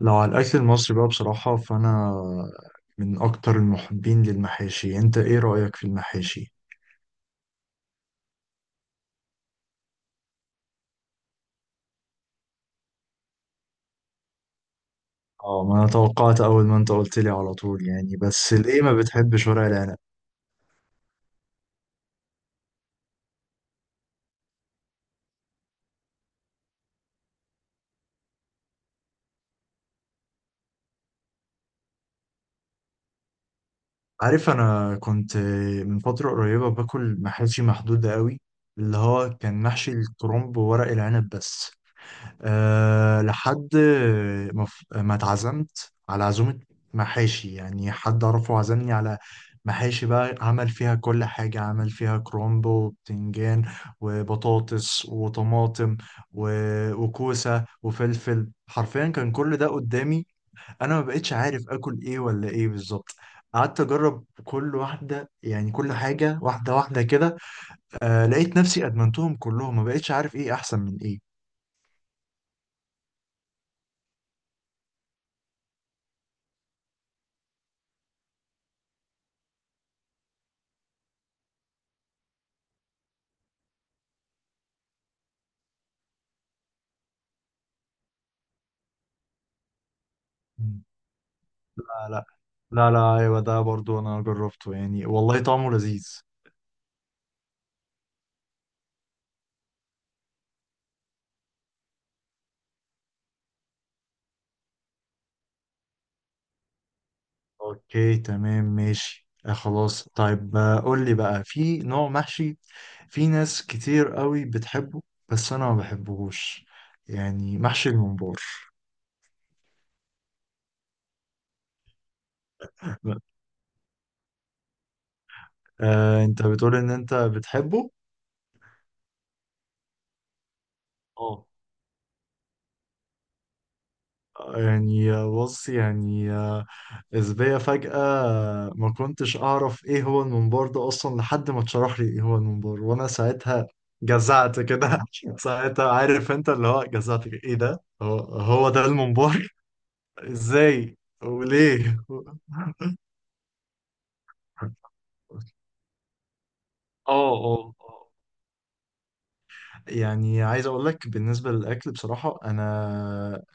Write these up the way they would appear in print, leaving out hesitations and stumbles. لو على الأكل المصري بقى بصراحة فأنا من أكتر المحبين للمحاشي. أنت إيه رأيك في المحاشي؟ آه، ما أنا توقعت أول ما أنت قلت لي على طول يعني. بس ليه ما بتحبش ورق العنب؟ عارف، أنا كنت من فترة قريبة باكل محاشي محدودة قوي، اللي هو كان محشي الكرنب وورق العنب بس. أه، لحد ما ما اتعزمت على عزومة محاشي، يعني حد أعرفه عزمني على محاشي بقى، عمل فيها كل حاجة، عمل فيها كرومبو وبتنجان وبطاطس وطماطم وكوسة وفلفل. حرفيا كان كل ده قدامي، أنا ما بقتش عارف آكل إيه ولا إيه بالظبط. قعدت أجرب كل واحدة، يعني كل حاجة واحدة واحدة كده. أه، لقيت نفسي أدمنتهم كلهم، ما بقتش عارف إيه أحسن من إيه. آه لا. لا، ايوه ده برضو انا جربته، يعني والله طعمه لذيذ. اوكي، تمام، ماشي، آه، خلاص، طيب، قول لي بقى، في نوع محشي في ناس كتير قوي بتحبه بس انا ما بحبهوش، يعني محشي الممبار. آه، انت بتقول ان انت بتحبه. اه. يعني بص، يعني إزاي فجأة ما كنتش أعرف إيه هو المنبار ده أصلا، لحد ما اتشرح لي إيه هو المنبار، وأنا ساعتها جزعت كده. ساعتها، عارف أنت اللي هو جزعت كده، إيه ده؟ هو ده المنبار؟ إزاي؟ وليه؟ اه اه آه. يعني عايز اقول لك بالنسبه للاكل بصراحه انا.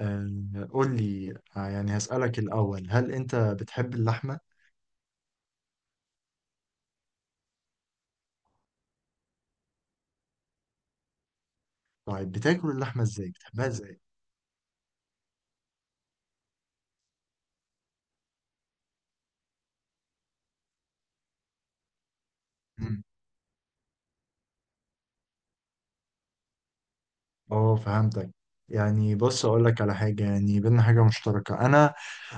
قول لي. يعني هسالك الاول، هل انت بتحب اللحمه؟ طيب بتاكل اللحمه ازاي؟ بتحبها ازاي؟ اه، فهمتك. يعني بص اقول لك على حاجه، يعني بينا حاجه مشتركه. انا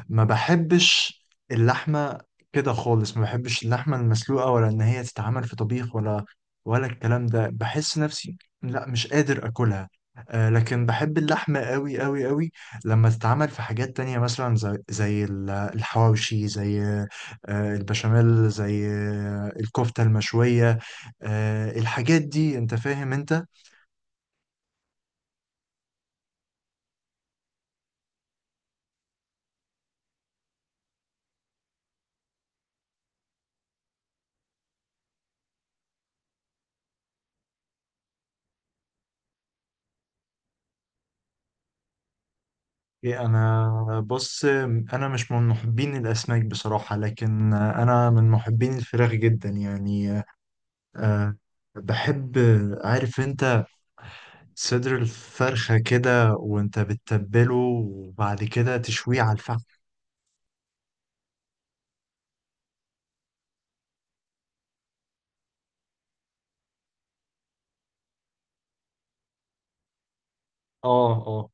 ما بحبش اللحمه كده خالص، ما بحبش اللحمه المسلوقه، ولا ان هي تتعمل في طبيخ ولا ولا الكلام ده، بحس نفسي لا، مش قادر اكلها. آه، لكن بحب اللحمه قوي قوي قوي لما تتعمل في حاجات تانية، مثلا زي الحواوشي، زي آه البشاميل، زي آه الكفته المشويه، آه الحاجات دي، انت فاهم انت. إيه، انا بص، انا مش من محبين الاسماك بصراحه، لكن انا من محبين الفراخ جدا، يعني أه، بحب، عارف انت، صدر الفرخه كده، وانت بتتبله وبعد كده تشويه على الفحم. اه اه.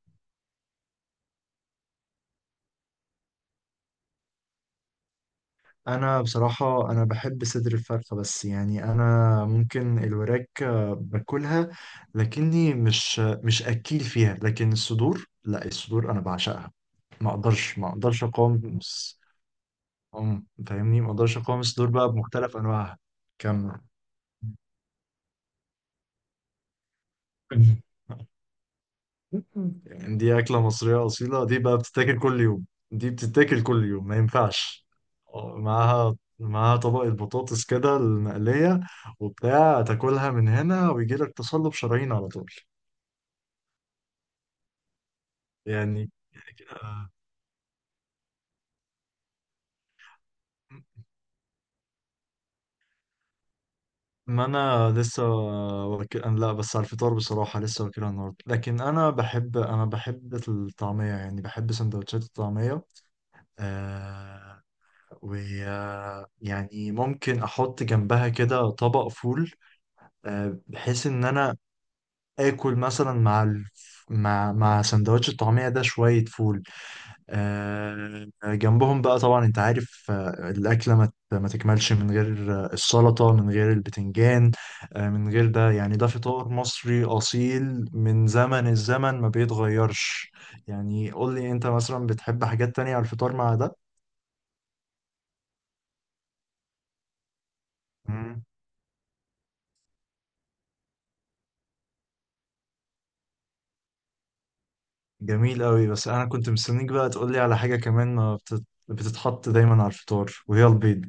انا بصراحه انا بحب صدر الفرخه، بس يعني انا ممكن الوراك باكلها، لكني مش اكيل فيها، لكن الصدور لا، الصدور انا بعشقها، ما اقدرش، ما اقدرش اقاوم. هم، فاهمني، ما اقدرش اقاوم الصدور بقى بمختلف انواعها. كمل. يعني دي اكله مصريه اصيله، دي بقى بتتاكل كل يوم، دي بتتاكل كل يوم، ما ينفعش. معاها، معاها طبقه بطاطس كده المقليه وبتاع، تاكلها من هنا ويجي لك تصلب شرايين على طول. يعني آه، ما انا لسه واكل. أنا لا، بس على الفطار بصراحه لسه واكلها النهارده، لكن انا بحب، انا بحب الطعميه، يعني بحب سندوتشات الطعميه. آه، ويعني ممكن احط جنبها كده طبق فول، آه، بحيث ان انا اكل مثلا مع ال... مع سندوتش الطعمية ده شوية فول، آه جنبهم بقى. طبعا انت عارف آه، الأكلة ما ما تكملش من غير آه، السلطة، من غير البتنجان، آه من غير ده، يعني ده فطار مصري أصيل من زمن الزمن، ما بيتغيرش. يعني قول لي، انت مثلا بتحب حاجات تانية على الفطار مع ده؟ جميل قوي، بس انا كنت مستنيك بقى تقول لي على حاجة كمان ما بتتحط دايما على الفطار، وهي البيض.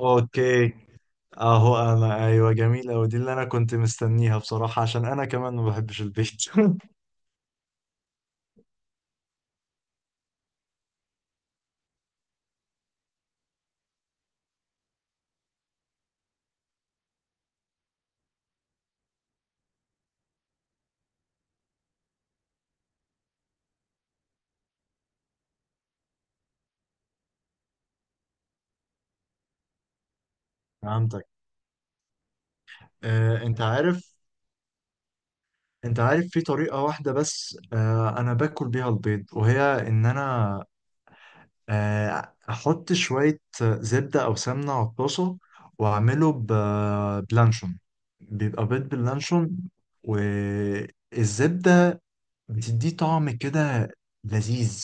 اوكي. اهو، انا ايوه، جميل قوي، دي اللي انا كنت مستنيها بصراحة، عشان انا كمان ما بحبش البيض. فهمتك. آه، انت عارف، انت عارف في طريقة واحدة بس آه، انا باكل بيها البيض، وهي ان انا آه، احط شوية زبدة او سمنة على الطاسة، واعمله بلانشون، بيبقى بيض باللانشون والزبدة، بتديه طعم كده لذيذ.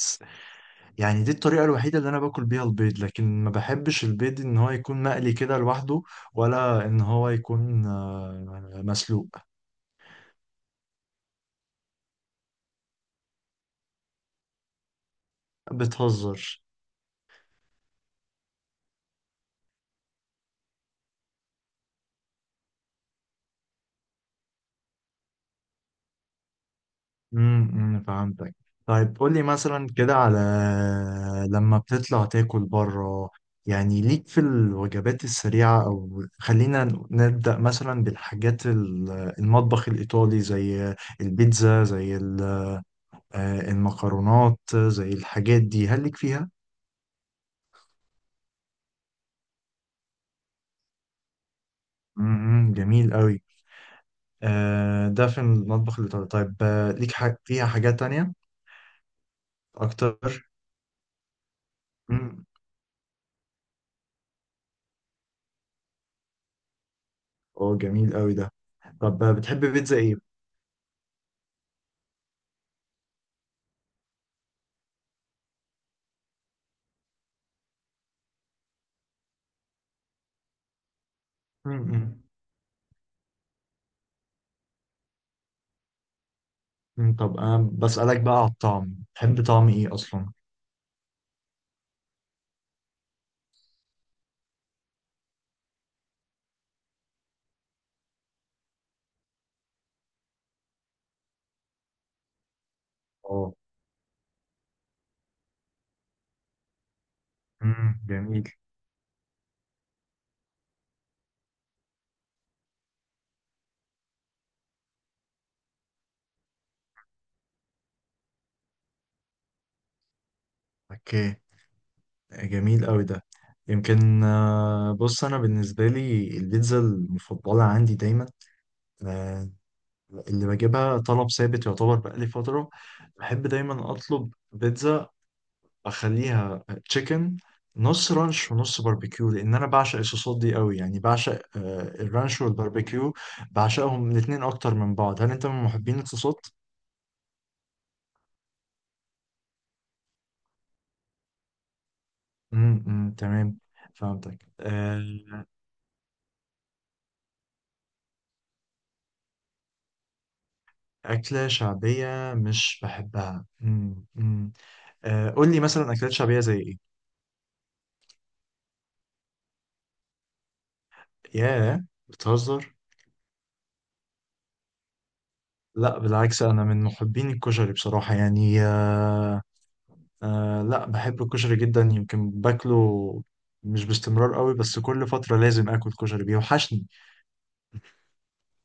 يعني دي الطريقة الوحيدة اللي انا باكل بيها البيض، لكن ما بحبش البيض ان هو يكون مقلي كده لوحده، ولا ان هو يكون آه، مسلوق. بتهزر؟ فهمتك. طيب قول لي مثلا كده على، لما بتطلع تاكل بره، يعني ليك في الوجبات السريعة، او خلينا نبدأ مثلا بالحاجات المطبخ الإيطالي، زي البيتزا، زي آه، المكرونات، زي الحاجات دي، هل ليك فيها؟ جميل قوي. آه، ده في المطبح الإيطالي، طيب آه، ليك فيها حاجات تانية أكتر؟ امم، أوه جميل قوي ده. طب آه، بتحب بيتزا إيه؟ امم امم. طب انا بسألك بقى على الطعم، تحب طعم ايه اصلا؟ اه. امم، جميل. اوكي، جميل قوي ده. يمكن آه، بص انا بالنسبه لي البيتزا المفضله عندي دايما، آه، اللي بجيبها طلب ثابت يعتبر بقالي فتره، بحب دايما اطلب بيتزا اخليها تشيكن، نص رانش ونص باربيكيو، لان انا بعشق الصوصات دي قوي، يعني بعشق آه، الرانش والباربيكيو، بعشقهم الاتنين اكتر من بعض. هل انت من محبين الصوصات؟ أمم، تمام، فهمتك آه. أكلة شعبية مش بحبها؟ أمم. آه، قول لي مثلا أكلات شعبية زي إيه؟ ياه، بتهزر؟ لا بالعكس، أنا من محبين الكشري بصراحة، يعني آه، آه، لا بحب الكشري جدا، يمكن باكله مش باستمرار قوي، بس كل فترة لازم آكل كشري، بيوحشني.